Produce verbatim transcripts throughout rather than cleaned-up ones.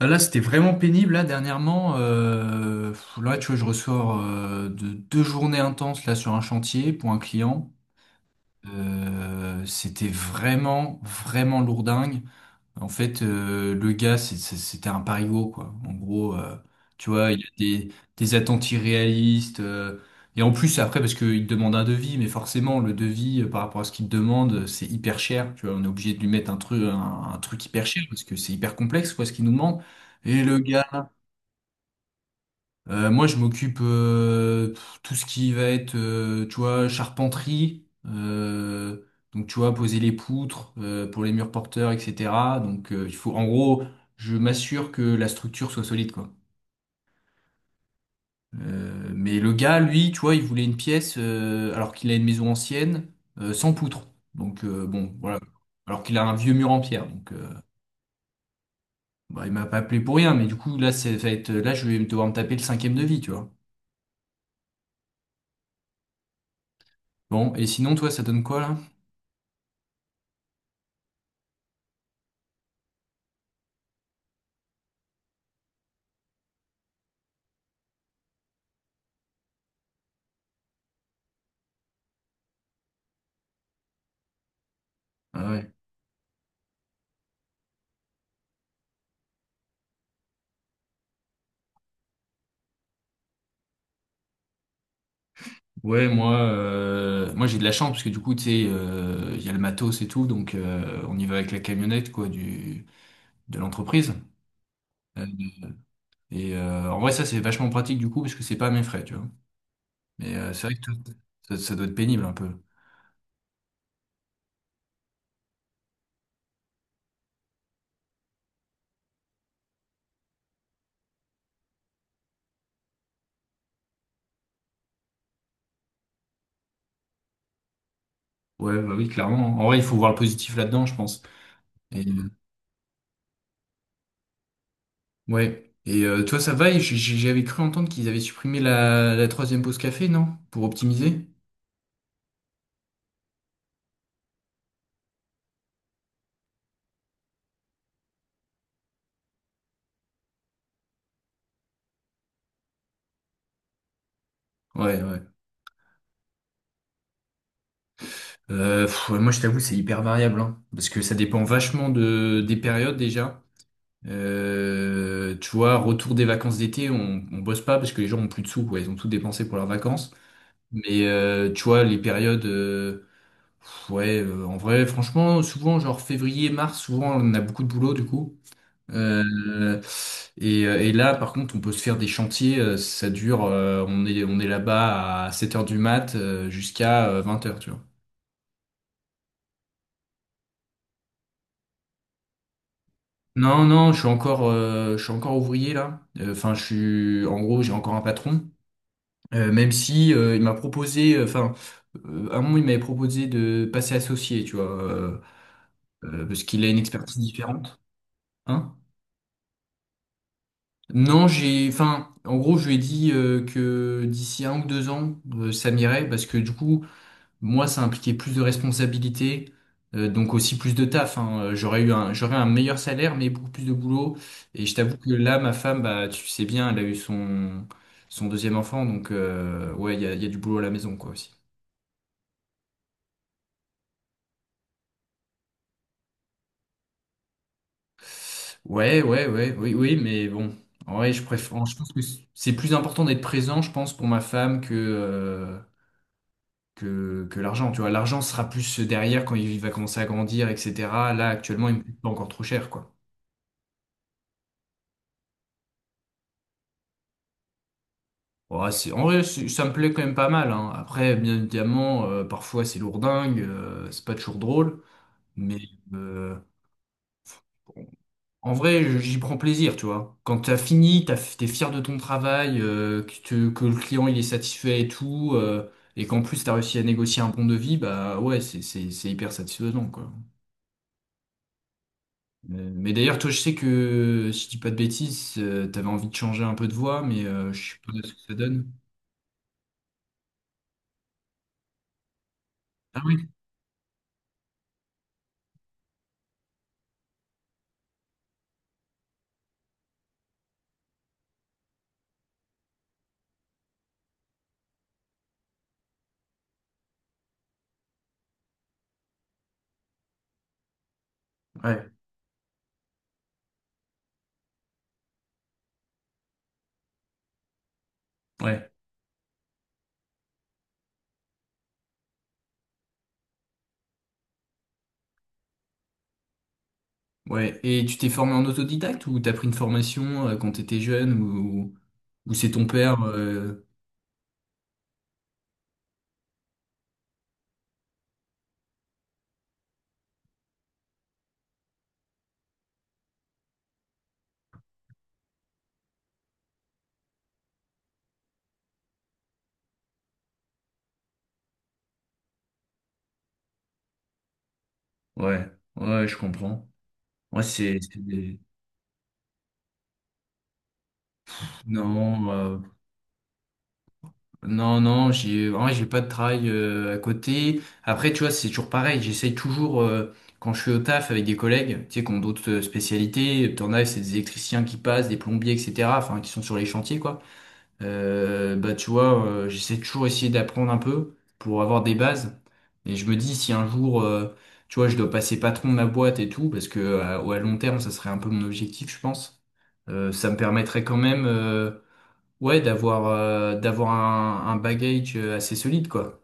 Ah, là, c'était vraiment pénible, là, dernièrement. Euh, pff, là, tu vois, je ressors euh, de deux journées intenses, là, sur un chantier pour un client. Euh, c'était vraiment, vraiment lourdingue. En fait, euh, le gars, c'est- c'est- c'était un parigot, quoi. En gros, euh, tu vois, il a des, des attentes irréalistes. Euh, et en plus, après, parce qu'il te demande un devis, mais forcément, le devis, euh, par rapport à ce qu'il te demande, c'est hyper cher. Tu vois, on est obligé de lui mettre un truc, un, un truc hyper cher, parce que c'est hyper complexe, quoi, ce qu'il nous demande. Et le gars, euh, moi, je m'occupe euh, pff, tout ce qui va être, euh, tu vois, charpenterie. Euh, donc, tu vois, poser les poutres euh, pour les murs porteurs, et cetera. Donc, euh, il faut, en gros, je m'assure que la structure soit solide, quoi. Euh, mais le gars, lui, tu vois, il voulait une pièce euh, alors qu'il a une maison ancienne euh, sans poutres. Donc, euh, bon, voilà. Alors qu'il a un vieux mur en pierre. Donc, euh, bah, il m'a pas appelé pour rien. Mais du coup, là, c'est- ça va être, là, je vais devoir me taper le cinquième devis, tu vois. Bon, et sinon, toi, ça donne quoi là? Ah ouais. Ouais, moi, euh, moi j'ai de la chance parce que du coup, tu sais, euh, il y a le matos et tout, donc euh, on y va avec la camionnette quoi du de l'entreprise. Euh, et euh, en vrai, ça c'est vachement pratique du coup parce que c'est pas à mes frais, tu vois. Mais euh, c'est vrai que toi, ça, ça doit être pénible un peu. Ouais, bah oui, clairement. En vrai, il faut voir le positif là-dedans, je pense. Et, euh, ouais. Et euh, toi, ça va? Et j- j- j'avais cru entendre qu'ils avaient supprimé la, la troisième pause café, non? Pour optimiser? Ouais, ouais. Euh, pff, ouais, moi, je t'avoue, c'est hyper variable, hein, parce que ça dépend vachement de des périodes déjà. Euh, tu vois, retour des vacances d'été, on, on bosse pas parce que les gens ont plus de sous, quoi. Ils ont tout dépensé pour leurs vacances. Mais euh, tu vois, les périodes, euh, pff, ouais, euh, en vrai, franchement, souvent, genre février, mars, souvent, on a beaucoup de boulot du coup. Euh, et, euh, et là, par contre, on peut se faire des chantiers. euh, Ça dure, euh, on est on est là-bas à sept heures du mat euh, jusqu'à euh, vingt heures, tu vois. Non, non, je suis encore, euh, je suis encore ouvrier là. Euh, Enfin, je suis, en gros, j'ai encore un patron. Euh, même si euh, il m'a proposé, euh, enfin, euh, à un moment, il m'avait proposé de passer associé, tu vois, euh, euh, parce qu'il a une expertise différente. Hein? Non, j'ai, enfin, en gros, je lui ai dit euh, que d'ici un ou deux ans, euh, ça m'irait, parce que du coup, moi, ça impliquait plus de responsabilités, euh, donc aussi plus de taf, hein. Euh, J'aurais eu un, j'aurais un meilleur salaire, mais beaucoup plus de boulot. Et je t'avoue que là, ma femme, bah, tu sais bien, elle a eu son, son deuxième enfant, donc euh, ouais, il y a, il y a du boulot à la maison, quoi, aussi. Ouais, ouais, ouais, oui, oui, mais bon, en vrai, je préfère, je pense que c'est plus important d'être présent, je pense, pour ma femme que, euh, que, que l'argent. Tu vois, l'argent sera plus derrière quand il va commencer à grandir, et cetera. Là, actuellement, il me coûte pas encore trop cher, quoi. Ouais, c'est, en vrai, c'est- ça me plaît quand même pas mal, hein. Après, bien évidemment, euh, parfois c'est lourdingue, euh, c'est pas toujours drôle, mais euh, bon, en vrai, j'y prends plaisir, tu vois. Quand t'as fini, t'as, t'es fier de ton travail, euh, que, te- que le client il est satisfait et tout, euh, et qu'en plus t'as réussi à négocier un bon devis, bah ouais, c'est, c'est, c'est hyper satisfaisant, quoi. Euh, Mais d'ailleurs, toi, je sais que, si je dis pas de bêtises, euh, t'avais envie de changer un peu de voix, mais euh, je sais pas ce que ça donne. Ah oui? Ouais, ouais. Ouais, et tu t'es formé en autodidacte ou t'as pris une formation euh, quand t'étais jeune ou, ou c'est ton père euh, ouais, ouais, je comprends. Moi, c'est... c'est des- Non, euh, non, non, j'ai en vrai, j'ai pas de travail euh, à côté. Après, tu vois, c'est toujours pareil. J'essaye toujours, euh, quand je suis au taf avec des collègues, tu sais, qui ont d'autres euh, spécialités, t'en as, c'est des électriciens qui passent, des plombiers, et cetera, enfin, qui sont sur les chantiers, quoi. Euh, bah tu vois, euh, j'essaie toujours essayer d'apprendre un peu pour avoir des bases. Et je me dis si un jour, euh, tu vois, je dois passer patron de ma boîte et tout, parce que à, à long terme, ça serait un peu mon objectif, je pense. Euh, ça me permettrait quand même, euh, ouais, d'avoir euh, d'avoir un, un bagage euh, assez solide, quoi.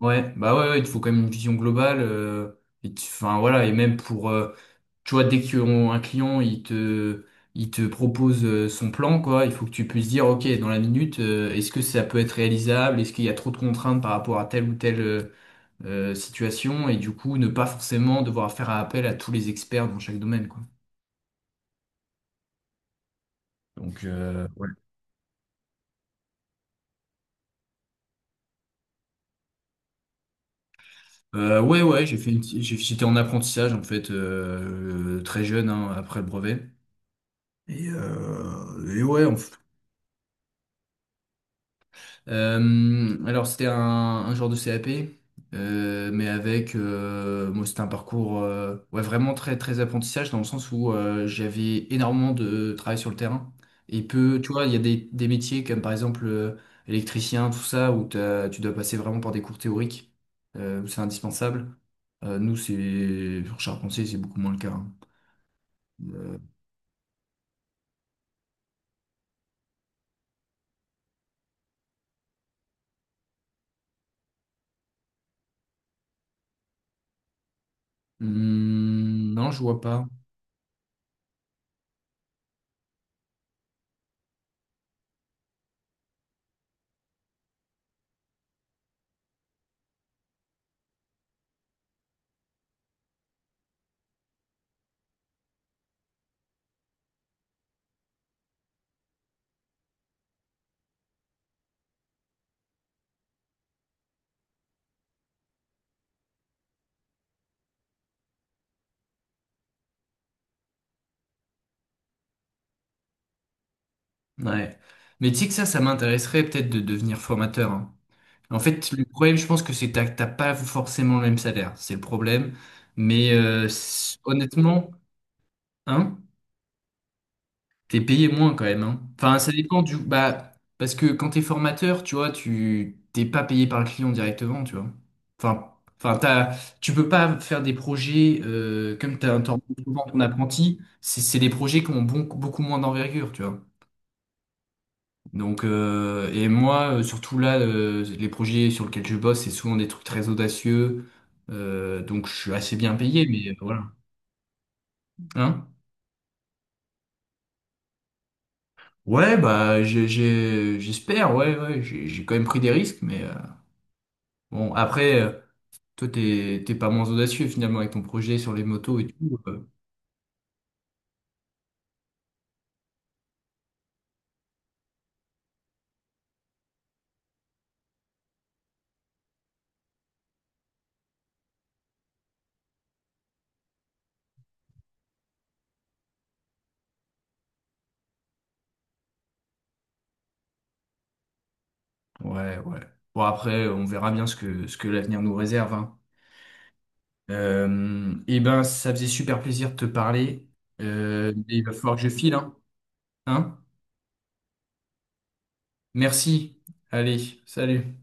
Ouais, bah ouais, ouais, il te faut quand même une vision globale. Euh, et tu- enfin voilà, et même pour euh, tu vois, dès qu'un client, il te, il te propose euh, son plan, quoi, il faut que tu puisses dire, OK, dans la minute, euh, est-ce que ça peut être réalisable? Est-ce qu'il y a trop de contraintes par rapport à telle ou telle euh, euh, situation? Et du coup, ne pas forcément devoir faire appel à tous les experts dans chaque domaine, quoi. Donc, euh, ouais. Euh, ouais, ouais, j'ai fait une petite- j'ai- j'étais en apprentissage, en fait, euh, euh, très jeune, hein, après le brevet. Et, euh, et ouais, en Euh, alors c'était un, un genre de C A P, euh, mais avec euh, moi c'était un parcours euh, ouais, vraiment très très apprentissage dans le sens où euh, j'avais énormément de travail sur le terrain et peu tu vois il y a des, des métiers comme par exemple euh, électricien tout ça où t'as- tu dois passer vraiment par des cours théoriques euh, où c'est indispensable. Euh, nous c'est pour charpentier c'est beaucoup moins le cas, hein. Euh, hum, non, je vois pas. Ouais. Mais tu sais que ça ça m'intéresserait peut-être de devenir formateur, hein. En fait, le problème, je pense que c'est que t'as t'as pas forcément le même salaire. C'est le problème. Mais euh, c- honnêtement, hein, t'es payé moins quand même, hein. Enfin, ça dépend du. Bah, parce que quand t'es formateur, tu vois, tu t'es pas payé par le client directement, tu vois. Enfin, enfin, t'as, tu peux pas faire des projets euh, comme t'as t'en- souvent ton apprenti. C'est c'est des projets qui ont bon- beaucoup moins d'envergure, tu vois. Donc, euh, et moi, euh, surtout là, euh, les projets sur lesquels je bosse, c'est souvent des trucs très audacieux. Euh, donc, je suis assez bien payé, mais euh, voilà. Hein? Ouais, bah, j'ai- j'ai- j'espère, ouais, ouais, j'ai j'ai quand même pris des risques, mais euh, bon, après, euh, toi, t'es t'es pas moins audacieux finalement avec ton projet sur les motos et tout. euh, ouais, ouais. Bon, après, on verra bien ce que, ce que l'avenir nous réserve, hein. Euh, eh ben, ça faisait super plaisir de te parler. Euh, mais il va falloir que je file, hein. Hein. Merci. Allez, salut.